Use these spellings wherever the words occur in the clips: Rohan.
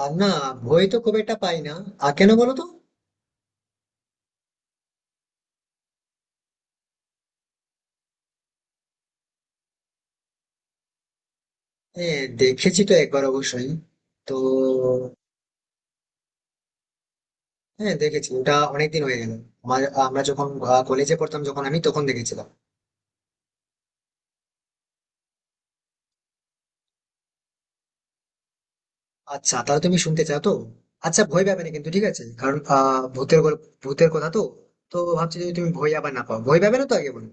আর না, ভয় তো খুব একটা পাই না। আর কেন বলো তো? হ্যাঁ, দেখেছি তো একবার অবশ্যই। তো হ্যাঁ দেখেছি, ওটা অনেকদিন হয়ে গেল। আমার আমরা যখন কলেজে পড়তাম যখন আমি তখন দেখেছিলাম। আচ্ছা তাহলে তুমি শুনতে চাও তো? আচ্ছা ভয় পাবে না কিন্তু, ঠিক আছে? কারণ ভূতের গল্প ভূতের কথা তো। তো ভাবছি যদি তুমি ভয় আবার না পাও, ভয় পাবে না তো? আগে বলো।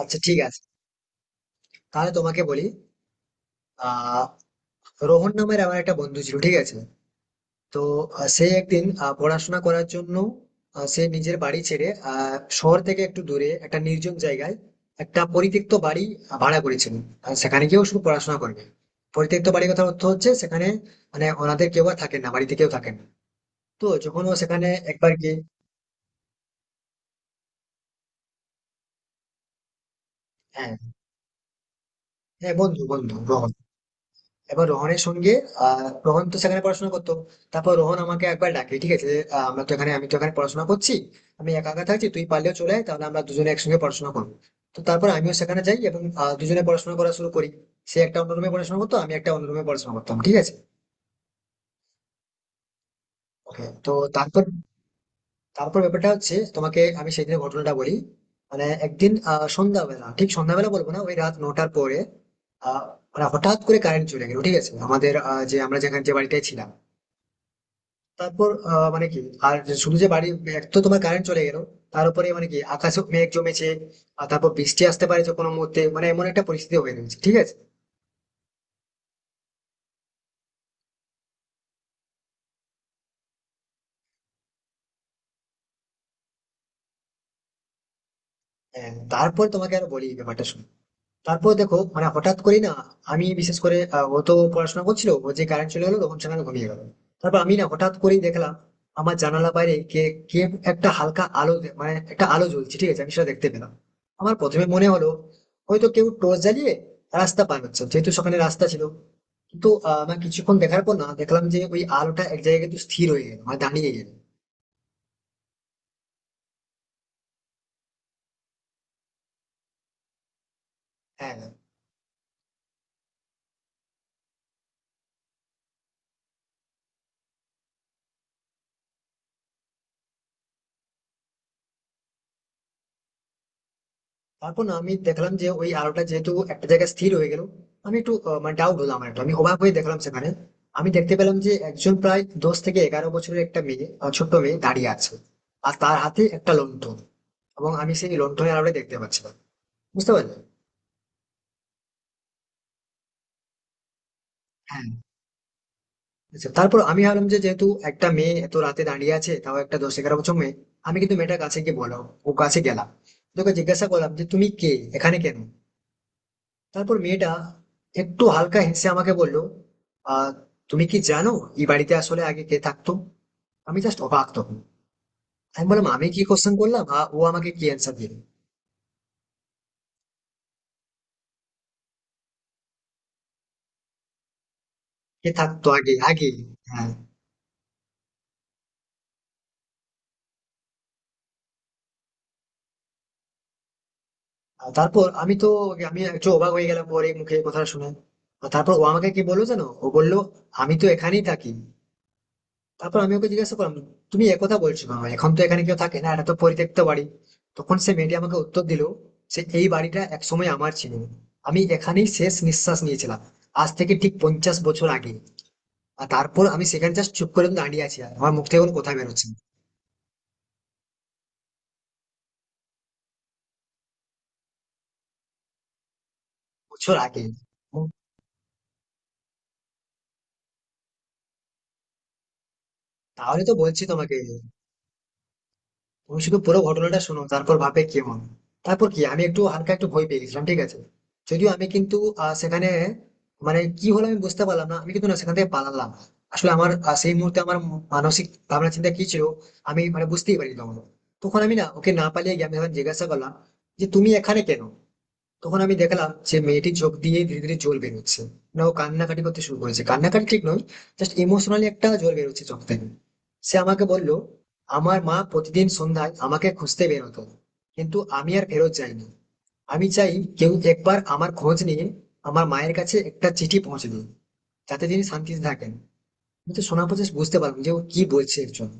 আচ্ছা ঠিক আছে, তাহলে তোমাকে বলি। আহ রোহন নামের আমার একটা বন্ধু ছিল, ঠিক আছে? তো সে একদিন পড়াশোনা করার জন্য সে নিজের বাড়ি ছেড়ে শহর থেকে একটু দূরে একটা নির্জন জায়গায় একটা পরিত্যক্ত বাড়ি ভাড়া করেছিল আর সেখানে গিয়েও শুধু পড়াশোনা করবে। পরিত্যক্ত বাড়ির কথা অর্থ হচ্ছে সেখানে মানে ওনাদের কেউ আর থাকেন না, বাড়িতে কেউ থাকেন না। তো যখন ও সেখানে একবার গিয়ে। হ্যাঁ, হ্যাঁ, বন্ধু বন্ধু গ্রহ। এবার রোহনের সঙ্গে আহ রোহন তো সেখানে পড়াশোনা করতো। তারপর রোহন আমাকে একবার ডাকে, ঠিক আছে, যে, আমরা তো এখানে আমি তো এখানে পড়াশোনা করছি, আমি একা একা থাকছি, তুই পারলেও চলে আয়, তাহলে আমরা দুজনে একসঙ্গে পড়াশোনা করবো। তো তারপর আমিও সেখানে যাই এবং দুজনে পড়াশোনা করা শুরু করি। সে একটা অন্য রুমে পড়াশোনা করতো, আমি একটা অন্য রুমে পড়াশোনা করতাম, ঠিক আছে। ওকে, তো তারপর তারপর ব্যাপারটা হচ্ছে তোমাকে আমি সেদিনের ঘটনাটা বলি। মানে একদিন সন্ধ্যাবেলা, ঠিক সন্ধ্যাবেলা বলবো না, ওই রাত 9টার পরে আহ মানে হঠাৎ করে কারেন্ট চলে গেল, ঠিক আছে, আমাদের যে আমরা যেখানে যে বাড়িটায় ছিলাম। তারপর মানে কি আর শুধু যে বাড়ি, এক তো তোমার কারেন্ট চলে গেল, তার উপরে মানে কি আকাশে মেঘ জমেছে, আর তারপর বৃষ্টি আসতে পারে যে কোনো মুহূর্তে, মানে এমন একটা পরিস্থিতি হয়ে গেছে, ঠিক আছে। হ্যাঁ, তারপর তোমাকে আর বলি এই ব্যাপারটা শুনে। তারপর দেখো মানে হঠাৎ করি না, আমি বিশেষ করে ও তো পড়াশোনা করছিল, ও যে কারেন্ট চলে গেলো তখন সেখানে ঘুমিয়ে গেল। তারপর আমি না হঠাৎ করেই দেখলাম আমার জানালা বাইরে কে কে একটা হালকা আলো মানে একটা আলো জ্বলছে, ঠিক আছে, আমি সেটা দেখতে পেলাম। আমার প্রথমে মনে হলো হয়তো কেউ টর্চ জ্বালিয়ে রাস্তা পার হচ্ছে, যেহেতু সকালে রাস্তা ছিল। কিন্তু আমার কিছুক্ষণ দেখার পর না দেখলাম যে ওই আলোটা এক জায়গায় কিন্তু স্থির হয়ে গেল মানে দাঁড়িয়ে গেল। হ্যাঁ, তারপর না আমি দেখলাম যে ওই আলোটা যেহেতু একটা জায়গায় স্থির হয়ে গেল, আমি একটু মানে ডাউট হলাম, আমার একটু আমি অবাক হয়ে দেখলাম সেখানে আমি দেখতে পেলাম যে একজন প্রায় 10 থেকে 11 বছরের একটা মেয়ে ছোট্ট মেয়ে দাঁড়িয়ে আছে। আর তার হাতে একটা লণ্ঠন এবং আমি সেই লণ্ঠনের আলোটা দেখতে পাচ্ছিলাম। বুঝতে পারলে? হ্যাঁ, আচ্ছা তারপর আমি ভাবলাম যে যেহেতু একটা মেয়ে এত রাতে দাঁড়িয়ে আছে, তাও একটা 10-11 বছর মেয়ে, আমি কিন্তু মেয়েটার কাছে গিয়ে বললাম, ও কাছে গেলাম, তোকে জিজ্ঞাসা করলাম যে তুমি কে, এখানে কেন? তারপর মেয়েটা একটু হালকা হেসে আমাকে বলল, আহ তুমি কি জানো এই বাড়িতে আসলে আগে কে থাকতো? আমি জাস্ট অবাক তখন। আমি বললাম আমি কি কোশ্চেন করলাম আর ও আমাকে কি অ্যান্সার দিল। কে থাকতো আগে আগে। হ্যাঁ, আর তারপর আমি তো আমি একটু অবাক হয়ে গেলাম ওর এই মুখে কথা শুনে। আর তারপর ও আমাকে কি বললো জানো, ও বললো আমি তো এখানেই থাকি। তারপর আমি ওকে জিজ্ঞাসা করলাম, তুমি একথা বলছো কেন, এখন তো এখানে কেউ থাকে না, এটা তো পরিত্যক্ত বাড়ি। তখন সে মেয়েটি আমাকে উত্তর দিল, সে এই বাড়িটা একসময় আমার ছিল, আমি এখানেই শেষ নিঃশ্বাস নিয়েছিলাম আজ থেকে ঠিক 50 বছর আগে। আর তারপর আমি সেখানে জাস্ট চুপ করে দাঁড়িয়ে আছি আর আমার মুখ থেকে কোনো কথা বেরোচ্ছে না। বছর আগে। ও, তাহলে তো বলছি তোমাকে, তুমি শুধু পুরো ঘটনাটা শোনো তারপর ভাবে কেমন। তারপর কি আমি একটু হালকা একটু ভয় পেয়ে গেছিলাম, ঠিক আছে। যদিও আমি কিন্তু সেখানে মানে কি হলো আমি বুঝতে পারলাম না, আমি কিন্তু না সেখান থেকে পালালাম। আসলে আমার সেই মুহূর্তে আমার মানসিক ভাবনা চিন্তা কি ছিল আমি মানে বুঝতেই পারি তখন। তখন আমি না ওকে না পালিয়ে গিয়ে আমি যখন জিজ্ঞাসা করলাম যে তুমি এখানে কেন, তখন আমি দেখলাম যে মেয়েটির চোখ দিয়ে ধীরে ধীরে জল বেরোচ্ছে। না ও কান্নাকাটি করতে শুরু করেছে, কান্নাকাটি ঠিক নয়, জাস্ট ইমোশনালি একটা জল বেরোচ্ছে চোখ থেকে। সে আমাকে বলল আমার মা প্রতিদিন সন্ধ্যায় আমাকে খুঁজতে বেরোতো কিন্তু আমি আর ফেরত যাইনি। আমি চাই কেউ একবার আমার খোঁজ নিয়ে আমার মায়ের কাছে একটা চিঠি পৌঁছে দিন যাতে তিনি শান্তিতে থাকেন। আমি তো শোনার পর just বুঝতে পারলাম যে ও কি বলছে একজন।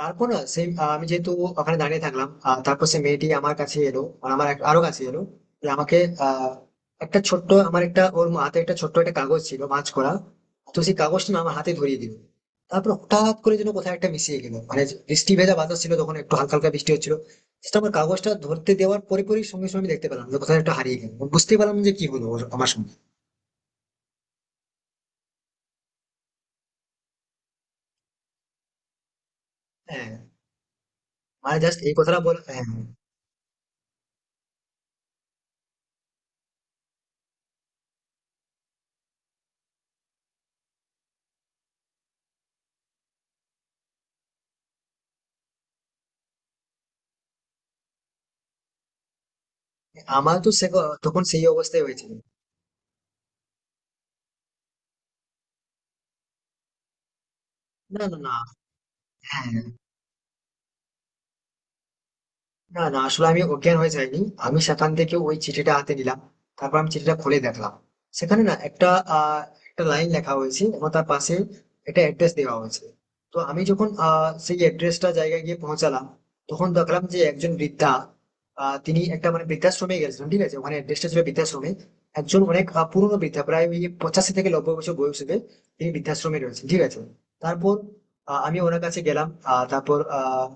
তারপর না সেই আমি যেহেতু ওখানে দাঁড়িয়ে থাকলাম তারপর সেই মেয়েটি আমার কাছে এলো, মানে আমার আরো কাছে এলো যে আমাকে আহ, একটা ছোট্ট আমার একটা ওর হাতে একটা ছোট্ট একটা কাগজ ছিল মাছ করা। তো সেই কাগজটা না আমার হাতে ধরিয়ে দিল। তারপর হঠাৎ করে যেন কোথায় একটা মিশিয়ে গেল, মানে যে বৃষ্টি ভেজা বাতাস ছিল তখন একটু হালকা হালকা বৃষ্টি হচ্ছিল, সেটা আমার কাগজটা ধরতে দেওয়ার পরে পরে সঙ্গে সঙ্গে আমি দেখতে পেলাম যে কোথায় একটা হারিয়ে গেল, মানে বুঝতে পারলাম না যে কি হলো আমার সঙ্গে। হ্যাঁ, মানে জাস্ট এই কথাটা বল, হ্যাঁ। আমার তো সে তখন সেই অবস্থায় হয়েছিল। না না না। হ্যাঁ। না না আসলে আমি অজ্ঞান হয়ে যাইনি, আমি সেখান থেকে ওই চিঠিটা হাতে নিলাম। তারপর আমি চিঠিটা খুলে দেখলাম সেখানে না একটা আহ, একটা লাইন লেখা হয়েছে এবং তার পাশে একটা অ্যাড্রেস দেওয়া হয়েছে। তো আমি যখন সেই অ্যাড্রেসটা জায়গায় গিয়ে পৌঁছালাম তখন দেখলাম যে একজন বৃদ্ধা, তিনি একটা মানে বৃদ্ধাশ্রমে গেছিলেন, ঠিক আছে, ওখানে অ্যাড্রেসটা ছিল বৃদ্ধাশ্রমে। একজন অনেক পুরনো বৃদ্ধা, প্রায় ওই 85 থেকে 90 বছর বয়স হবে, তিনি বৃদ্ধাশ্রমে রয়েছেন, ঠিক আছে। তারপর আমি ওনার কাছে গেলাম তারপর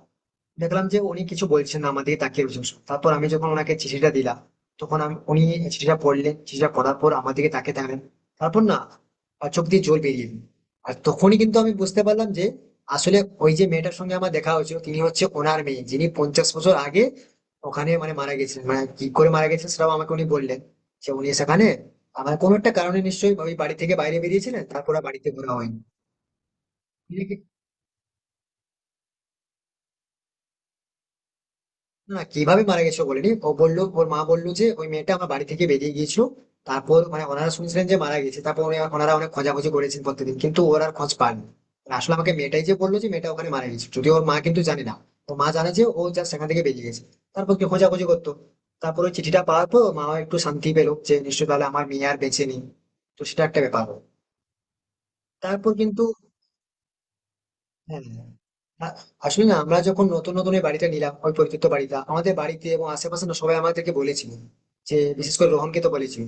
দেখলাম যে উনি কিছু বলছেন না আমাদের তাকিয়ে রয়েছেন শুধু। তারপর আমি যখন ওনাকে চিঠিটা দিলাম, তখন আমি উনি চিঠিটা পড়লেন, চিঠিটা পড়ার পর আমার দিকে তাকিয়ে থাকলেন। তারপর না আর চোখ দিয়ে জল বেরিয়ে এলো। আর তখনই কিন্তু আমি বুঝতে পারলাম যে আসলে ওই যে মেয়েটার সঙ্গে আমার দেখা হয়েছিল তিনি হচ্ছে ওনার মেয়ে যিনি 50 বছর আগে ওখানে মানে মারা গেছিলেন। মানে কি করে মারা গেছেন সেটাও আমাকে উনি বললেন যে উনি সেখানে আমার কোনো একটা কারণে নিশ্চয়ই ওই বাড়ি থেকে বাইরে বেরিয়েছিলেন, তারপর আর বাড়িতে ঘোরা হয়নি। তিনি। না কিভাবে মারা গেছে ও বলেনি, ও বললো ওর মা বললো যে ওই মেয়েটা আমার বাড়ি থেকে বেরিয়ে গিয়েছিল। তারপর মানে ওনারা শুনছিলেন যে মারা গেছে, তারপর ওনারা অনেক খোঁজাখুঁজি করেছেন প্রত্যেকদিন কিন্তু ওর আর খোঁজ পাননি। আর আসলে আমাকে মেয়েটাই যে বললো যে মেয়েটা ওখানে মারা গেছে, যদিও ওর মা কিন্তু জানে না। তো মা জানে যে ও যা সেখান থেকে বেরিয়ে গেছে, তারপর কি খোঁজাখুঁজি করতো। তারপর ওই চিঠিটা পাওয়ার পর মা একটু শান্তি পেলো যে নিশ্চয়ই তাহলে আমার মেয়ে আর বেঁচে নেই। তো সেটা একটা ব্যাপার হলো। তারপর কিন্তু হ্যাঁ, হ্যাঁ। আ- আসলে না আমরা যখন নতুন নতুন এই বাড়িটা নিলাম ওই পরিত্যক্ত বাড়িটা আমাদের বাড়িতে এবং আশেপাশে না সবাই আমাদেরকে বলেছিল, যে বিশেষ করে রোহনকে তো বলেছিল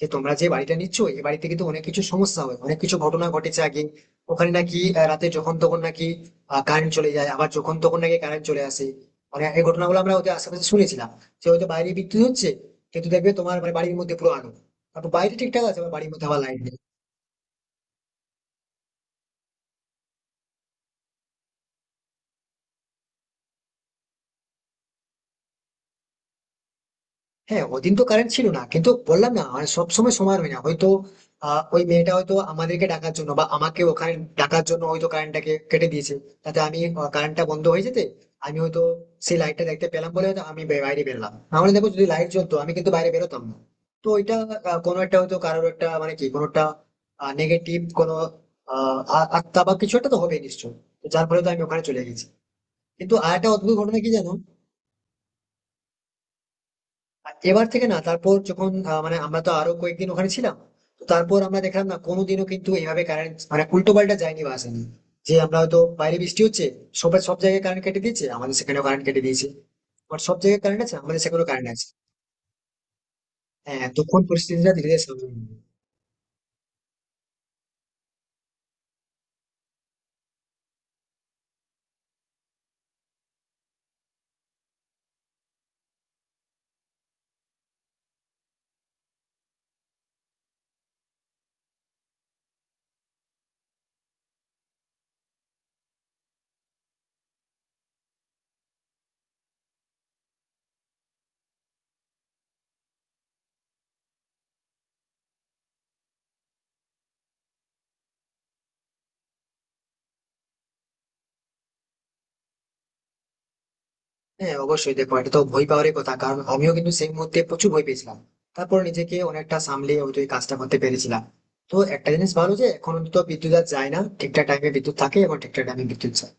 যে তোমরা যে বাড়িটা নিচ্ছ এই বাড়িতে কিন্তু অনেক কিছু সমস্যা হয়, অনেক কিছু ঘটনা ঘটেছে আগে। ওখানে নাকি রাতে যখন তখন নাকি কারেন্ট চলে যায়, আবার যখন তখন নাকি কারেন্ট চলে আসে। মানে এই ঘটনাগুলো আমরা ওদের আশেপাশে শুনেছিলাম যে হয়তো বাইরে বিদ্যুৎ হচ্ছে কিন্তু দেখবে তোমার মানে বাড়ির মধ্যে পুরো আলো, তারপর বাইরে ঠিকঠাক আছে আবার বাড়ির মধ্যে আবার লাইট। হ্যাঁ ওদিন তো কারেন্ট ছিল না কিন্তু বললাম না মানে সব সময় সময় হয় না, হয়তো ওই মেয়েটা হয়তো আমাদেরকে ডাকার জন্য বা আমাকে ওখানে ডাকার জন্য হয়তো কারেন্টটাকে কেটে দিয়েছে, তাতে আমি কারেন্টটা বন্ধ হয়ে যেতে আমি হয়তো সেই লাইটটা দেখতে পেলাম বলে হয়তো আমি বাইরে বেরলাম, নাহলে দেখো যদি লাইট জ্বলতো আমি কিন্তু বাইরে বেরোতাম না। তো ওইটা কোনো একটা হয়তো কারোর একটা মানে কি কোনো একটা নেগেটিভ কোনো আত্মা বা কিছু একটা তো হবে নিশ্চয়ই। তো যার ফলে তো আমি ওখানে চলে গেছি। কিন্তু আর একটা অদ্ভুত ঘটনা কি জানো, এবার থেকে না তারপর যখন মানে আমরা তো আরো কয়েকদিন ওখানে ছিলাম। তো তারপর আমরা দেখলাম না কোনোদিনও কিন্তু এইভাবে কারেন্ট মানে উল্টো পাল্টা যায়নি বা আসেনি, যে আমরা হয়তো বাইরে বৃষ্টি হচ্ছে সবাই সব জায়গায় কারেন্ট কেটে দিয়েছে আমাদের সেখানেও কারেন্ট কেটে দিয়েছে, আবার সব জায়গায় কারেন্ট আছে আমাদের সেখানেও কারেন্ট আছে। হ্যাঁ তখন পরিস্থিতিটা ধীরে ধীরে সামনে নিয়ে এলো। হ্যাঁ অবশ্যই দেখো এটা তো ভয় পাওয়ারই কথা, কারণ আমিও কিন্তু সেই মুহূর্তে প্রচুর ভয় পেয়েছিলাম। তারপর নিজেকে অনেকটা সামলিয়ে হয়তো এই কাজটা করতে পেরেছিলাম। তো একটা জিনিস ভালো যে এখন তো বিদ্যুৎ আর যায় না, ঠিকঠাক টাইমে বিদ্যুৎ থাকে এবং ঠিকঠাক টাইমে বিদ্যুৎ যায়।